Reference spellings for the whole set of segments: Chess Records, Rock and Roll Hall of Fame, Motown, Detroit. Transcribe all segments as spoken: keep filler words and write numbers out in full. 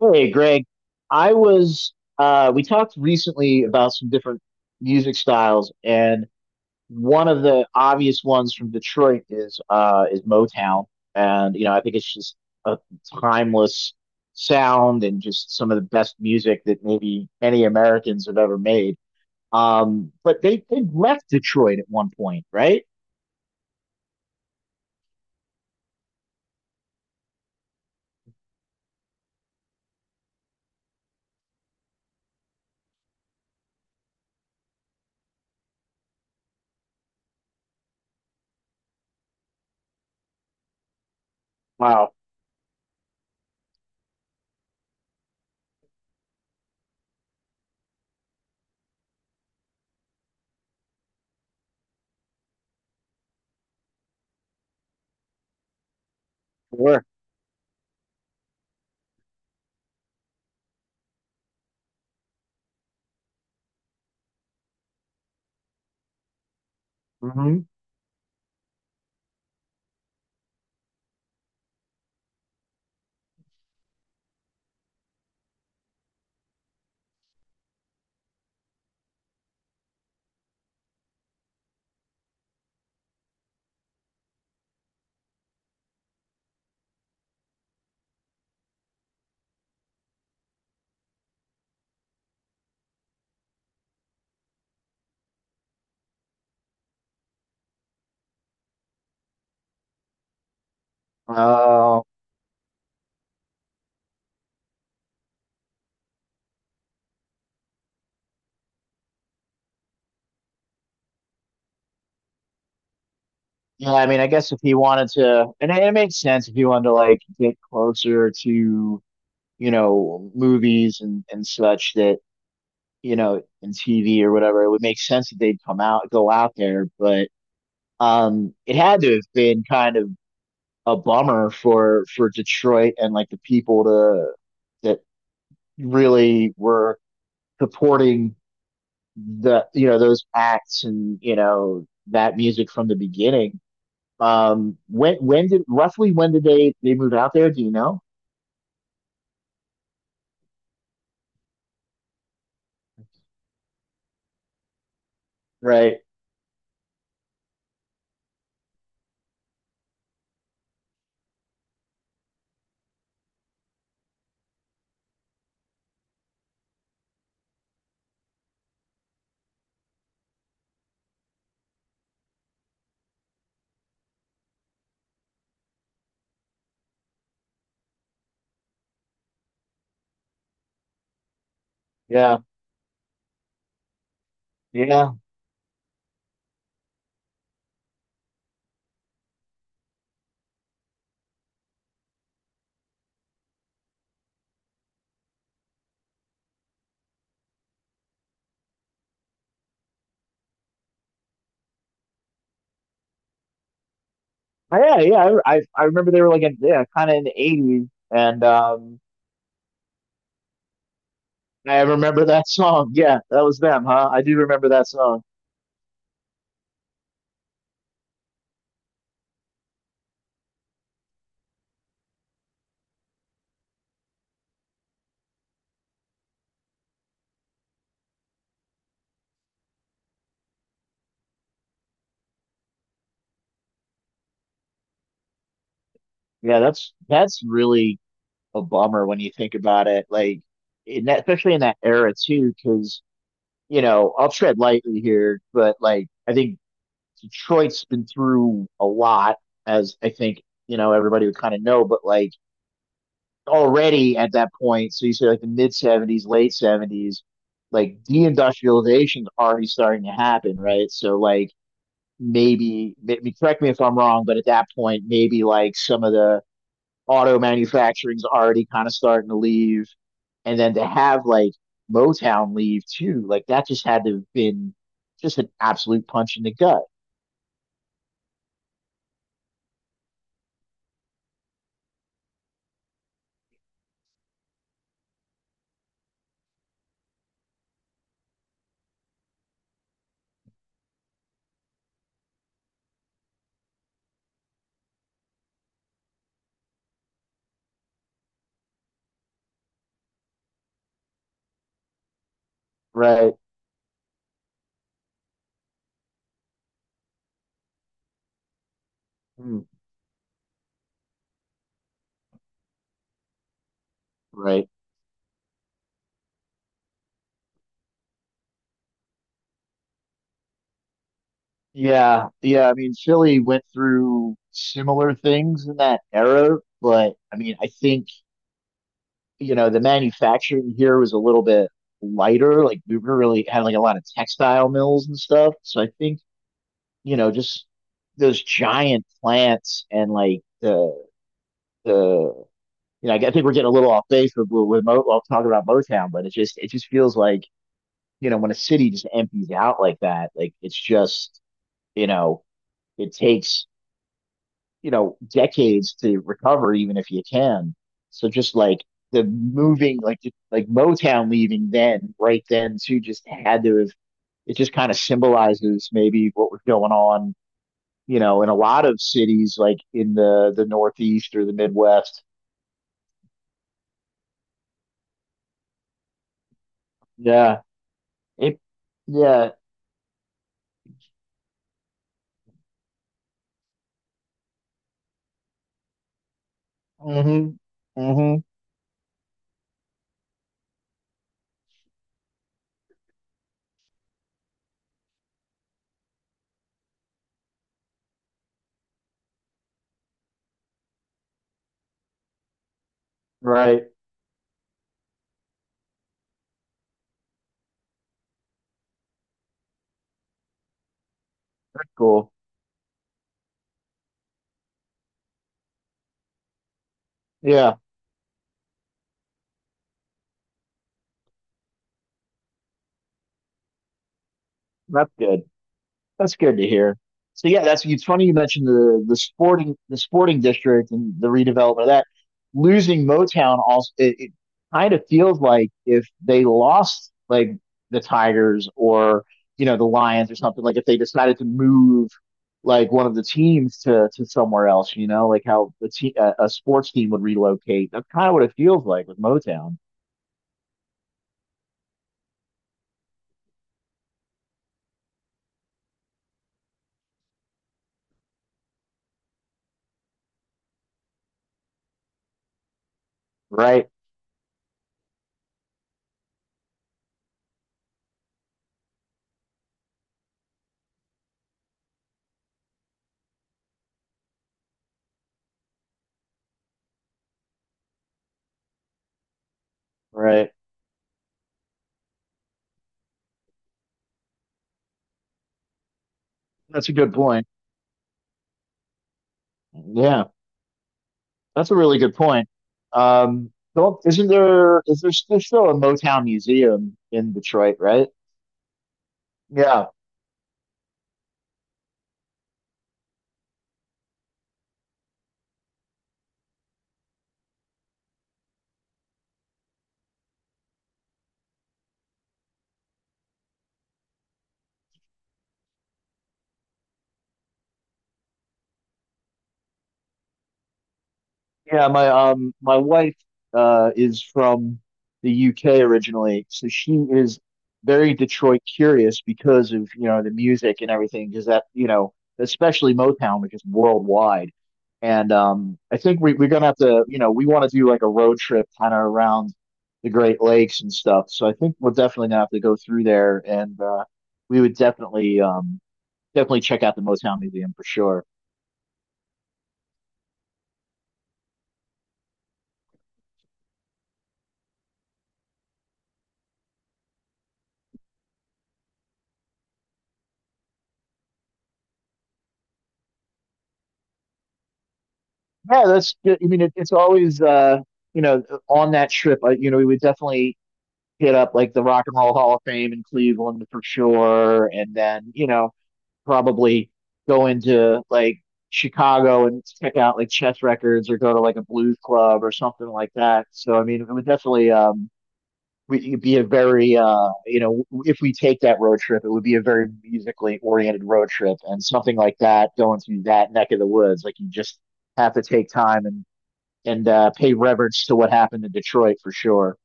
Hey, Greg. I was, uh, we talked recently about some different music styles, and one of the obvious ones from Detroit is, uh, is Motown. And, you know, I think it's just a timeless sound and just some of the best music that maybe any Americans have ever made. Um, but they, they left Detroit at one point, right? Wow. Sure. Mm-hmm. Uh, yeah, I mean, I guess if he wanted to, and it, it makes sense if he wanted to like get closer to, you know, movies and and such that, you know, and T V or whatever, it would make sense that they'd come out, go out there. But um it had to have been kind of a bummer for for Detroit and like the people to that really were supporting the, you know, those acts and, you know, that music from the beginning. Um, when when did, roughly when did they they move out there? Do you know? Right. Yeah. Yeah. Oh, yeah, yeah. I I, I remember they were like in, yeah, kind of in the eighties, and um, I remember that song. Yeah, that was them, huh? I do remember that song. Yeah, that's that's really a bummer when you think about it. Like, in that, especially in that era too, because you know, I'll tread lightly here, but like I think Detroit's been through a lot, as I think, you know, everybody would kind of know. But like already at that point. So you say like the mid seventies, late seventies, like deindustrialization is already starting to happen, right? So like, maybe, maybe correct me if I'm wrong, but at that point, maybe like some of the auto manufacturing's already kind of starting to leave. And then to have like Motown leave too, like that just had to have been just an absolute punch in the gut, right? Mm. Right. Yeah, yeah. I mean, Philly went through similar things in that era, but I mean, I think, you know, the manufacturing here was a little bit lighter. Like we were really had like a lot of textile mills and stuff. So I think, you know, just those giant plants and like the the you know, I think we're getting a little off base with with, with Mo, well, talking about Motown, but it just it just feels like, you know, when a city just empties out like that, like it's just, you know, it takes, you know, decades to recover, even if you can. So just like the moving, like like Motown leaving then, right then too, just had to have. It just kind of symbolizes maybe what was going on, you know, in a lot of cities like in the the Northeast or the Midwest. Yeah, it. Yeah. Mm-hmm. Mm-hmm. Right. That's cool. Yeah, that's good. That's good to hear. So yeah, that's, it's funny you mentioned the the sporting the sporting district and the redevelopment of that. Losing Motown also, it, it kind of feels like if they lost like the Tigers or, you know, the Lions or something, like if they decided to move like one of the teams to to somewhere else, you know, like how the te a, a sports team would relocate. That's kind of what it feels like with Motown. Right, right. That's a good point. Yeah. That's a really good point. Um, well, isn't there, is there still still a Motown museum in Detroit, right? Yeah. Yeah, my um my wife uh is from the U K originally, so she is very Detroit curious because of, you know, the music and everything, because that, you know, especially Motown, which is worldwide. And um I think we we're gonna have to, you know, we want to do like a road trip kind of around the Great Lakes and stuff. So I think we're definitely gonna have to go through there, and uh we would definitely um definitely check out the Motown Museum for sure. Yeah, that's good. I mean, it, it's always, uh, you know, on that trip, uh, you know, we would definitely hit up like the Rock and Roll Hall of Fame in Cleveland for sure, and then, you know, probably go into like Chicago and check out like Chess Records or go to like a blues club or something like that. So, I mean, it would definitely um we, it'd be a very uh, you know, if we take that road trip, it would be a very musically oriented road trip, and something like that going through that neck of the woods, like you just have to take time and and uh, pay reverence to what happened in Detroit for sure.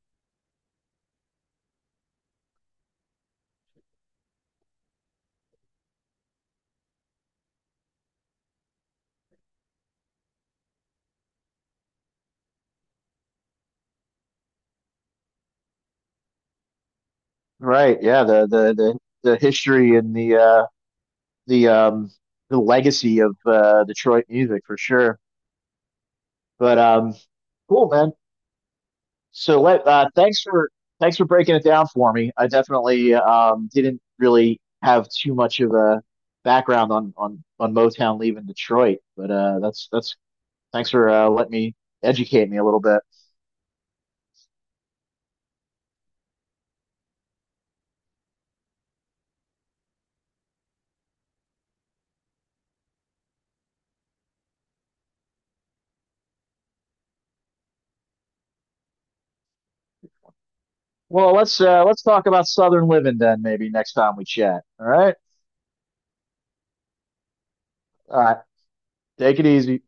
Right? Yeah. The the the the history and the, uh, the um the legacy of, uh, Detroit music for sure. But um, cool, man. So let uh, thanks for thanks for breaking it down for me. I definitely um didn't really have too much of a background on on on Motown leaving Detroit, but uh, that's that's thanks for, uh, letting me educate me a little bit. Well, let's uh, let's talk about Southern living then maybe next time we chat. All right. All right. Take it easy.